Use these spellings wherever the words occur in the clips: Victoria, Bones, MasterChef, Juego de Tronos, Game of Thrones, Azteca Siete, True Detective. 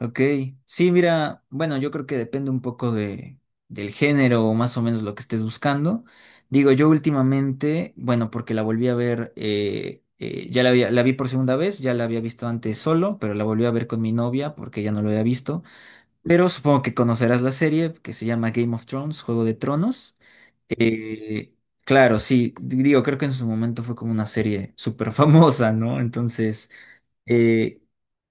Ok, sí, mira, bueno, yo creo que depende un poco del género o más o menos lo que estés buscando. Digo, yo últimamente, bueno, porque la volví a ver, la vi por segunda vez, ya la había visto antes solo, pero la volví a ver con mi novia porque ya no lo había visto. Pero supongo que conocerás la serie que se llama Game of Thrones, Juego de Tronos. Eh, claro, sí, digo, creo que en su momento fue como una serie súper famosa, ¿no? Entonces eh,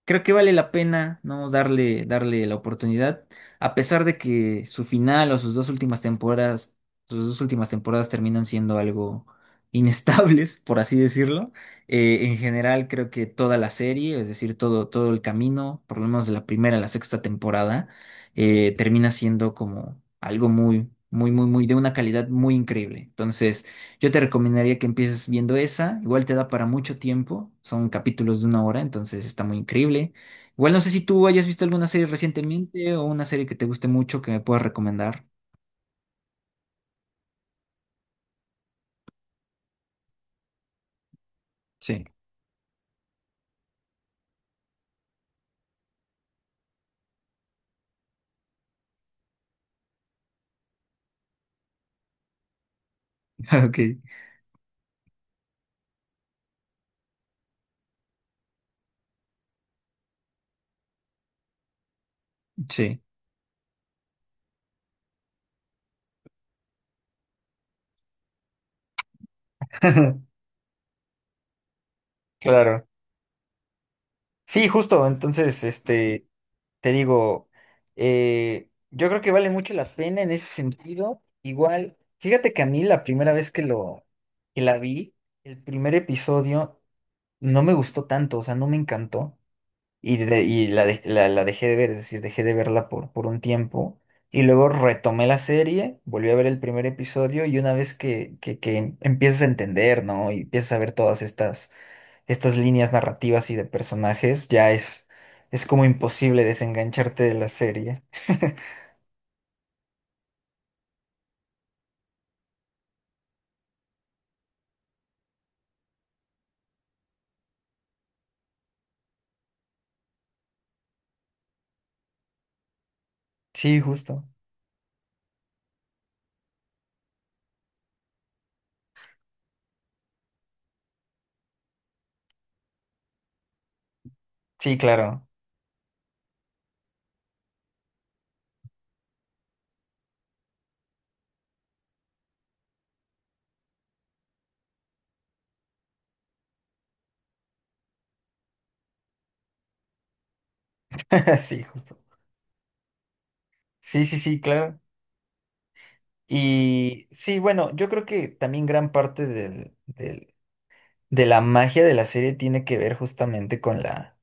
creo que vale la pena, ¿no? Darle la oportunidad, a pesar de que su final o sus dos últimas temporadas, sus dos últimas temporadas terminan siendo algo inestables, por así decirlo. En general, creo que toda la serie, es decir, todo el camino, por lo menos de la primera a la sexta temporada, termina siendo como algo muy, muy, muy, muy de una calidad muy increíble. Entonces, yo te recomendaría que empieces viendo esa, igual te da para mucho tiempo, son capítulos de una hora, entonces está muy increíble. Igual no sé si tú hayas visto alguna serie recientemente o una serie que te guste mucho que me puedas recomendar. Sí. Ok, sí. Claro. Sí, justo. Entonces, este, te digo, yo creo que vale mucho la pena en ese sentido. Igual, fíjate que a mí la primera vez que la vi, el primer episodio no me gustó tanto, o sea, no me encantó. La dejé de ver, es decir, dejé de verla por un tiempo. Y luego retomé la serie, volví a ver el primer episodio y una vez que empiezas a entender, ¿no? Y empiezas a ver todas estas líneas narrativas y de personajes, es como imposible desengancharte de la serie. Sí, justo. Sí, claro. Sí, justo. Sí, sí, sí, claro. Y sí, bueno, yo creo que también gran parte del, de la magia de la serie tiene que ver justamente con la,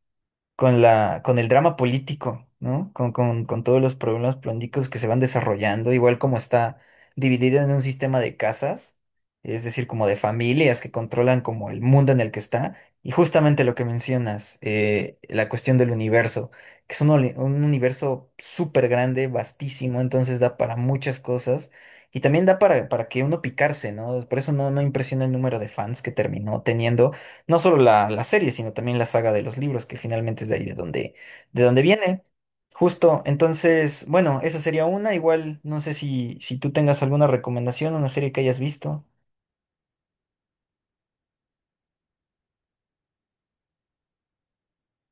con la, con el drama político, ¿no? Con todos los problemas políticos que se van desarrollando, igual como está dividido en un sistema de casas, es decir, como de familias que controlan como el mundo en el que está, y justamente lo que mencionas, la cuestión del universo, que es un universo súper grande, vastísimo, entonces da para muchas cosas. Y también da para que uno picarse, ¿no? Por eso no, no impresiona el número de fans que terminó teniendo no solo la serie, sino también la saga de los libros, que finalmente es de ahí de donde viene. Justo, entonces, bueno, esa sería una. Igual, no sé si tú tengas alguna recomendación, una serie que hayas visto.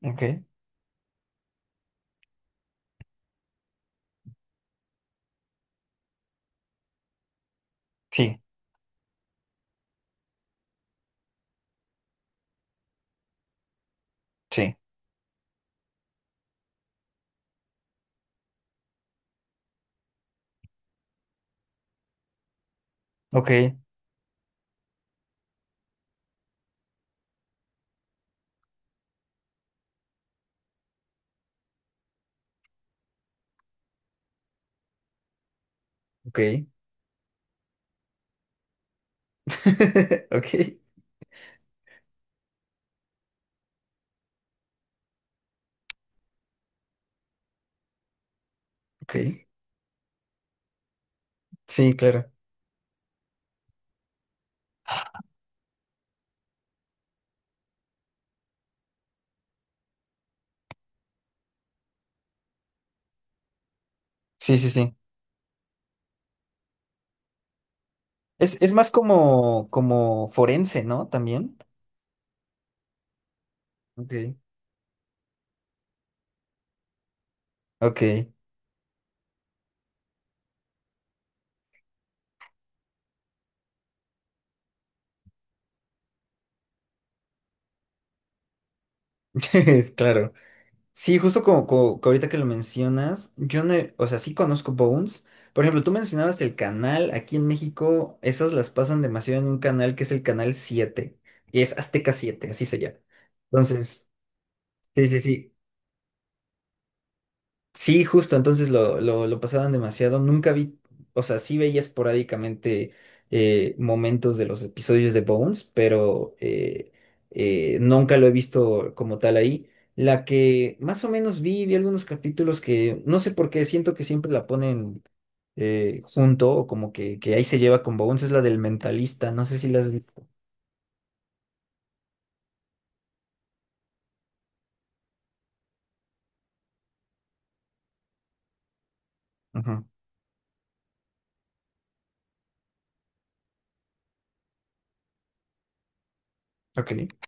Ok. Sí, sí. Ok, ok. Ok, ok. Sí, claro. Sí, sí, sí. Es más como, como forense, ¿no? También. Ok. Ok. Claro. Sí, justo como, como- que ahorita que lo mencionas, yo no, he- o sea, sí conozco Bones. Por ejemplo, tú mencionabas el canal, aquí en México esas las pasan demasiado en un canal que es el canal 7, que es Azteca Siete, así se llama. Entonces, sí, sí, sí. Sí, justo, entonces lo pasaban demasiado. Nunca vi, o sea, sí veía esporádicamente momentos de los episodios de Bones, pero nunca lo he visto como tal ahí. La que más o menos vi algunos capítulos que no sé por qué, siento que siempre la ponen junto o como que ahí se lleva con Bones, es la del mentalista, no sé si la has visto. Ajá, ok.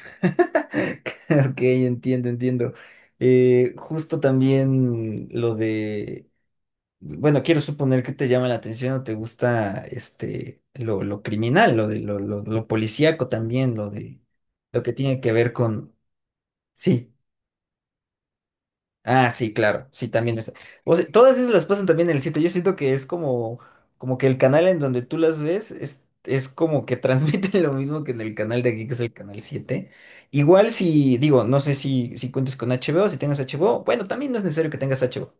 Ok, entiendo, entiendo. Justo también lo de, bueno, quiero suponer que te llama la atención o te gusta este lo criminal, lo de lo policíaco también, lo de lo que tiene que ver con, sí. Ah, sí, claro, sí, también está. O sea, todas esas las pasan también en el 7. Yo siento que es como, como que el canal en donde tú las ves es como que transmiten lo mismo que en el canal de aquí, que es el canal 7. Igual si, digo, no sé si cuentes con HBO, si tengas HBO, bueno, también no es necesario que tengas HBO.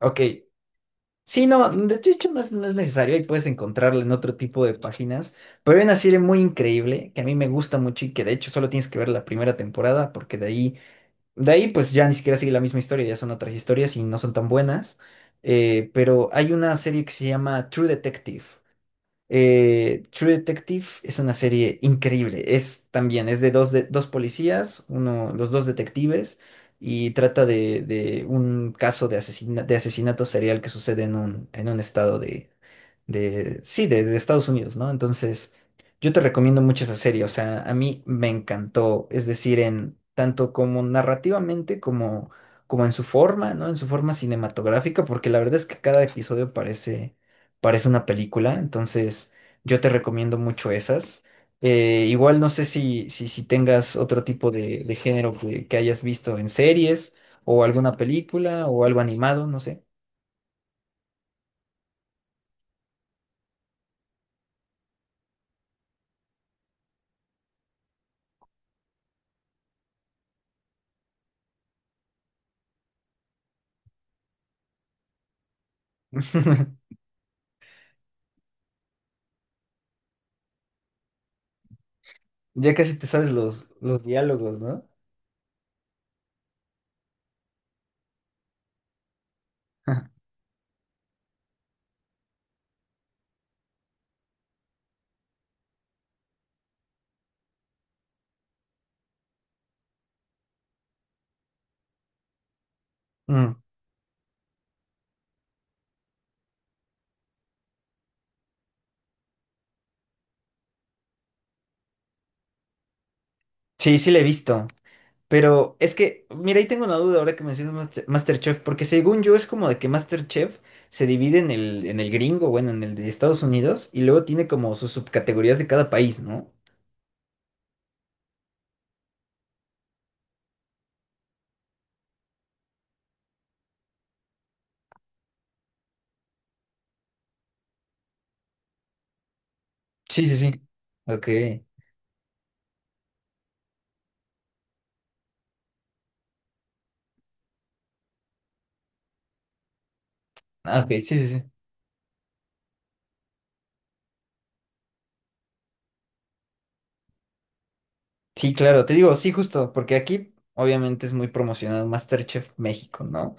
Ok. Sí, no, de hecho no es necesario, ahí puedes encontrarla en otro tipo de páginas, pero hay una serie muy increíble que a mí me gusta mucho y que de hecho solo tienes que ver la primera temporada porque de ahí, pues ya ni siquiera sigue la misma historia, ya son otras historias y no son tan buenas. Pero hay una serie que se llama True Detective. True Detective es una serie increíble. Es también, es de, dos policías, uno, los dos detectives, y trata de un caso de de asesinato serial que sucede en un estado de Estados Unidos, ¿no? Entonces, yo te recomiendo mucho esa serie, o sea, a mí me encantó, es decir, en tanto como narrativamente como, como en su forma, ¿no? En su forma cinematográfica, porque la verdad es que cada episodio parece una película, entonces yo te recomiendo mucho esas. Igual no sé si tengas otro tipo de género que hayas visto en series o alguna película o algo animado, no sé. Ya casi te sabes los diálogos, ¿no? Mm, sí, sí le he visto. Pero es que, mira, ahí tengo una duda ahora que mencionas MasterChef, porque según yo es como de que MasterChef se divide en el gringo, bueno, en el de Estados Unidos, y luego tiene como sus subcategorías de cada país, ¿no? Sí, sí, sí. Ok. Ah, ok, sí, sí, sí. Sí, claro, te digo, sí, justo, porque aquí obviamente es muy promocionado MasterChef México, ¿no?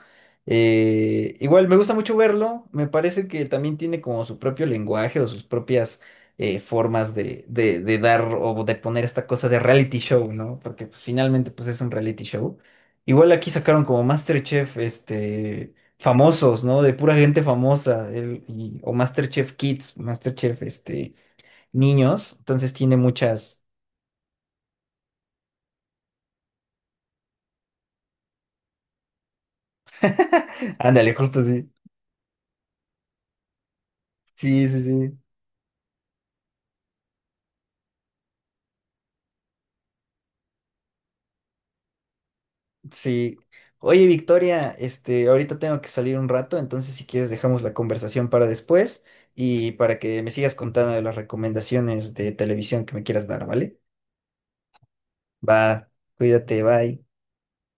Igual me gusta mucho verlo, me parece que también tiene como su propio lenguaje o sus propias formas de dar o de poner esta cosa de reality show, ¿no? Porque pues, finalmente pues es un reality show. Igual aquí sacaron como MasterChef, este, famosos, ¿no? De pura gente famosa, o MasterChef Kids, MasterChef, este, niños, entonces tiene muchas. Ándale, justo así. Sí, sí, sí. Sí. Oye, Victoria, este, ahorita tengo que salir un rato, entonces si quieres dejamos la conversación para después y para que me sigas contando de las recomendaciones de televisión que me quieras dar, ¿vale? Va, cuídate, bye.